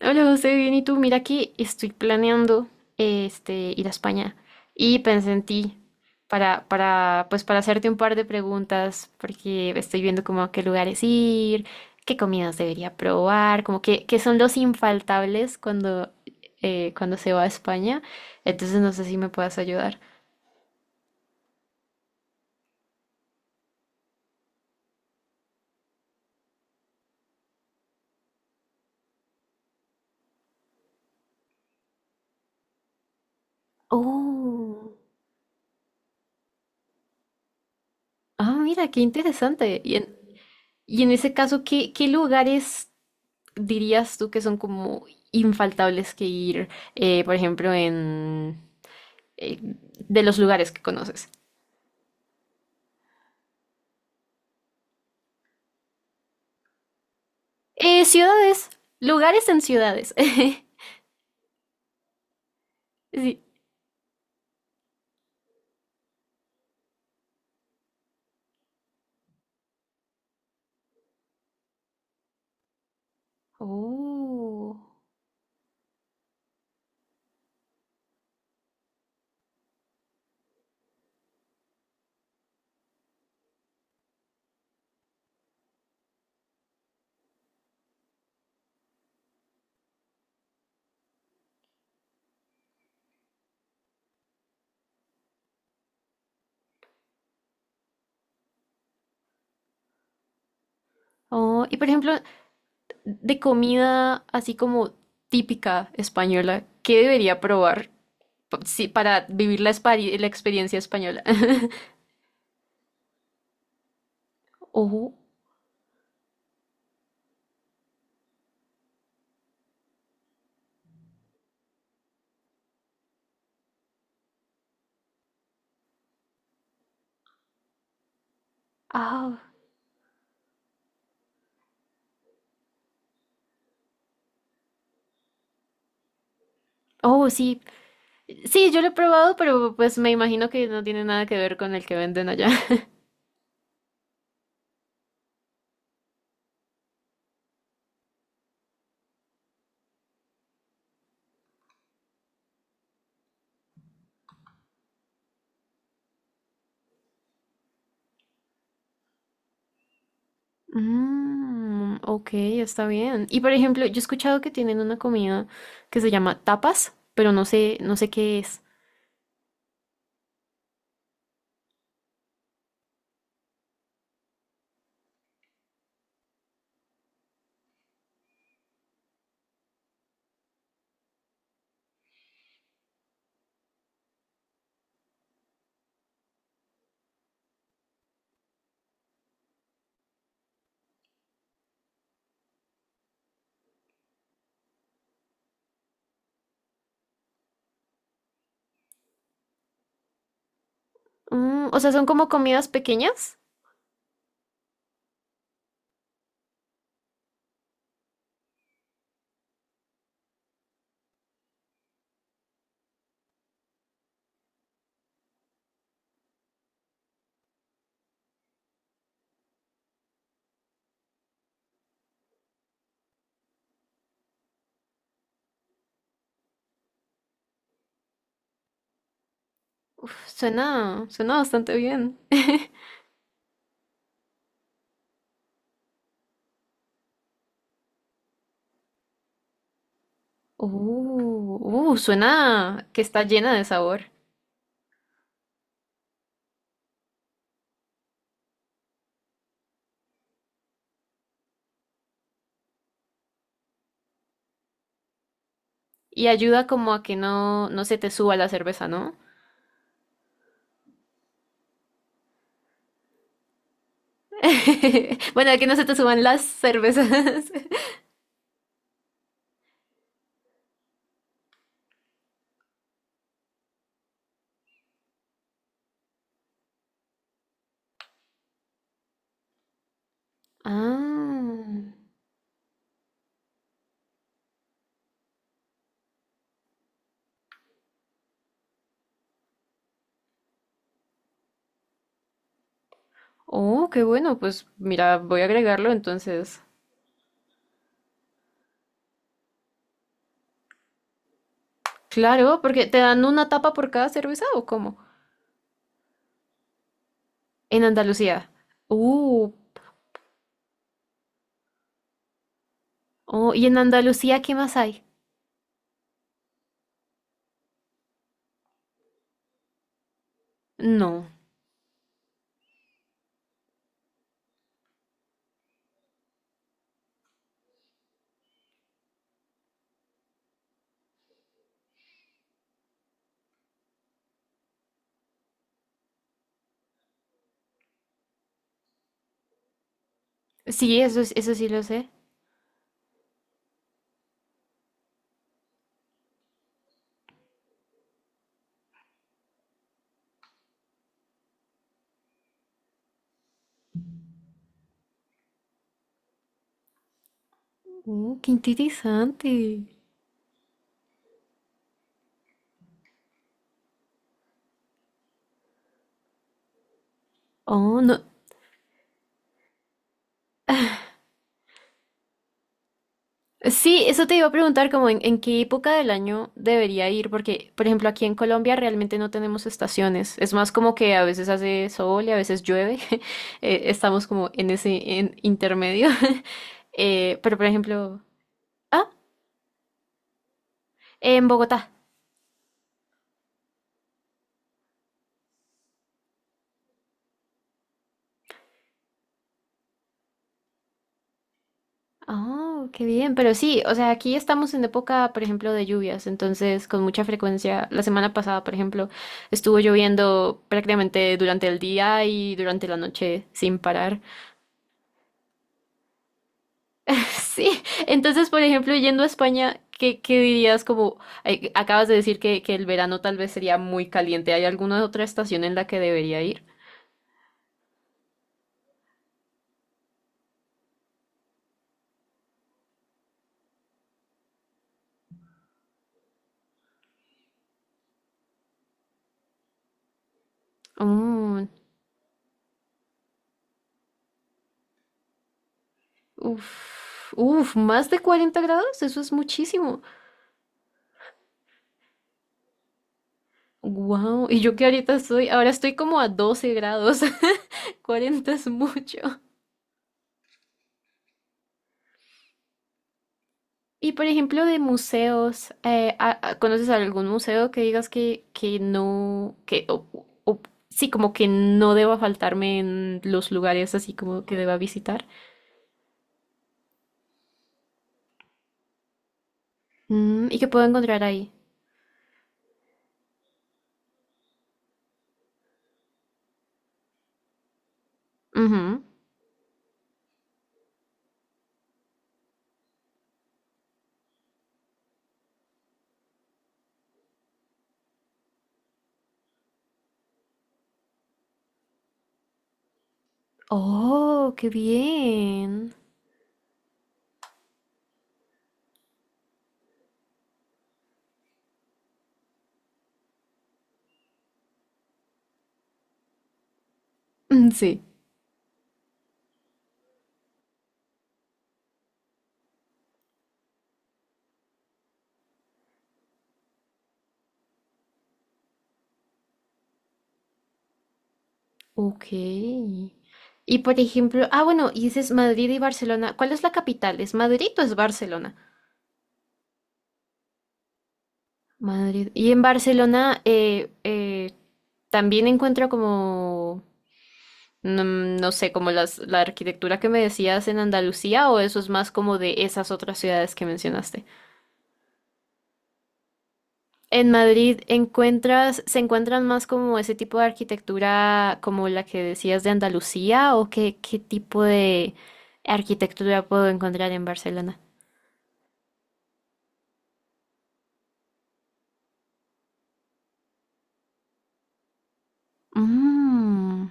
Hola José, bien, ¿y tú? Mira que estoy planeando ir a España y pensé en ti para hacerte un par de preguntas porque estoy viendo como a qué lugares ir, qué comidas debería probar, como que, qué son los infaltables cuando se va a España. Entonces no sé si me puedas ayudar. Oh, ah, mira, qué interesante. Y en ese caso, ¿qué lugares dirías tú que son como infaltables que ir, por ejemplo, en de los lugares que conoces? Ciudades, lugares en ciudades. Sí. Oh. Oh, y por ejemplo, de comida así como típica española, ¿qué debería probar sí, para vivir la experiencia española? Oh, ah, oh, sí. Sí, yo lo he probado, pero pues me imagino que no tiene nada que ver con el que venden allá. Mm, ok, está bien. Y por ejemplo, yo he escuchado que tienen una comida que se llama tapas, pero no sé, no sé qué es. Mm, o sea, son como comidas pequeñas. Uf, suena bastante bien. Suena que está llena de sabor. Y ayuda como a que no se te suba la cerveza, ¿no? Bueno, a que no se te suban las cervezas. Ah. Oh, qué bueno. Pues mira, voy a agregarlo entonces. Claro, porque te dan una tapa por cada cerveza o cómo? En Andalucía. Uh, oh, ¿y en Andalucía qué más hay? No. Sí, eso, eso sí lo sé. Qué interesante. Oh, no. Sí, eso te iba a preguntar como en qué época del año debería ir, porque por ejemplo aquí en Colombia realmente no tenemos estaciones. Es más como que a veces hace sol y a veces llueve. Estamos como en ese en intermedio. Pero por ejemplo, ah, en Bogotá. Oh, qué bien, pero sí, o sea, aquí estamos en época, por ejemplo, de lluvias, entonces con mucha frecuencia, la semana pasada, por ejemplo, estuvo lloviendo prácticamente durante el día y durante la noche sin parar. Sí, entonces, por ejemplo, yendo a España, ¿qué dirías? Como acabas de decir que el verano tal vez sería muy caliente, ¿hay alguna otra estación en la que debería ir? Oh, uf, uf, más de 40 grados, eso es muchísimo. Wow, y yo que ahorita estoy, ahora estoy como a 12 grados. 40 es mucho. Y por ejemplo, de museos, ¿conoces algún museo que digas que no, que, o- sí, como que no deba faltarme en los lugares así como que deba visitar? Mm, ¿y que puedo encontrar ahí? Ujú. Oh, qué bien. Mm, sí. Ok. Y por ejemplo, ah, bueno, y dices Madrid y Barcelona. ¿Cuál es la capital? ¿Es Madrid o es Barcelona? Madrid. Y en Barcelona también encuentro como, no sé, como la arquitectura que me decías en Andalucía o eso es más como de esas otras ciudades que mencionaste. En Madrid encuentras, se encuentran más como ese tipo de arquitectura como la que decías de Andalucía o qué tipo de arquitectura puedo encontrar en Barcelona. Mm.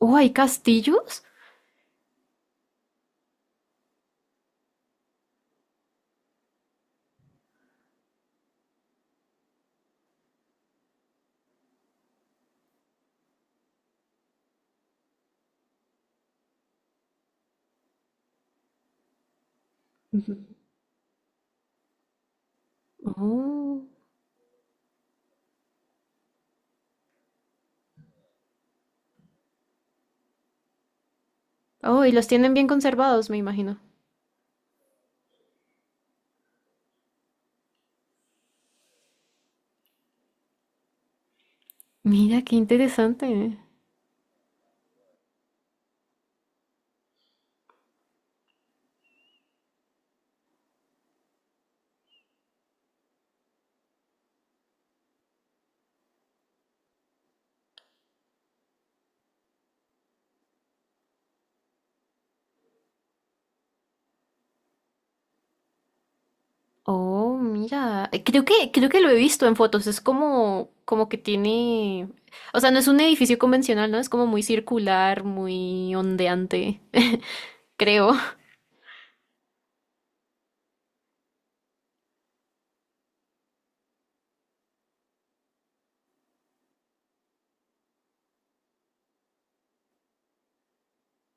Oh, ¿hay castillos? Ujú. Oh. Oh, y los tienen bien conservados, me imagino. Mira, qué interesante. Oh, mira. Creo que lo he visto en fotos. Es como, como que tiene. O sea, no es un edificio convencional, ¿no? Es como muy circular, muy ondeante. Creo.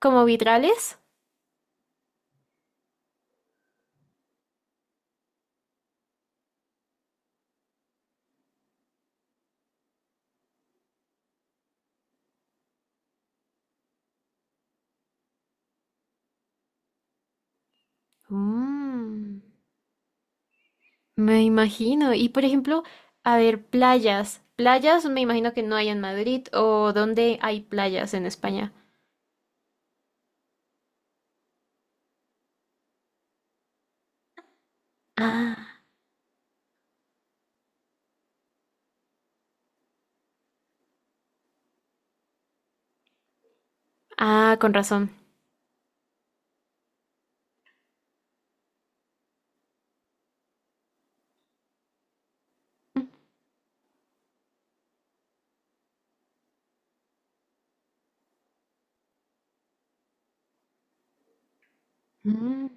¿Como vitrales? Mm. Me imagino. Y por ejemplo, a ver, playas. Playas me imagino que no hay en Madrid o dónde hay playas en España. Ah, ah, con razón. Mm,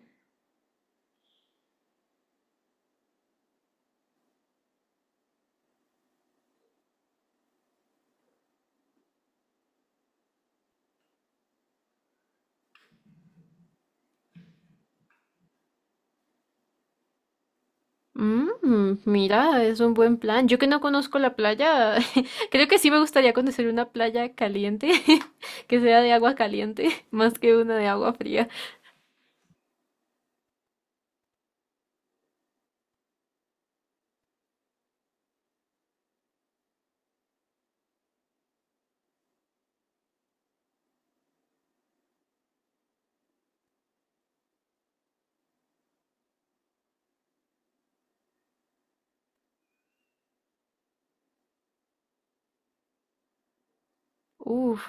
mm, mira, es un buen plan. Yo que no conozco la playa, creo que sí me gustaría conocer una playa caliente, que sea de agua caliente, más que una de agua fría. Uf.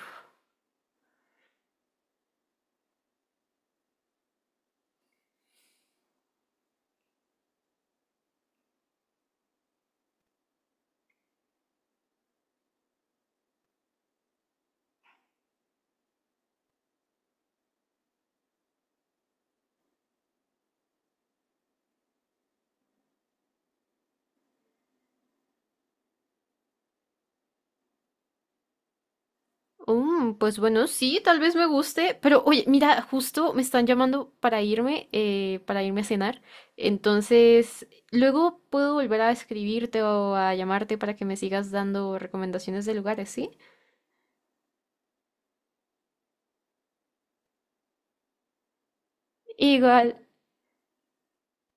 Mm, pues bueno, sí, tal vez me guste, pero oye, mira, justo me están llamando para irme a cenar. Entonces, luego puedo volver a escribirte o a llamarte para que me sigas dando recomendaciones de lugares, ¿sí? Igual,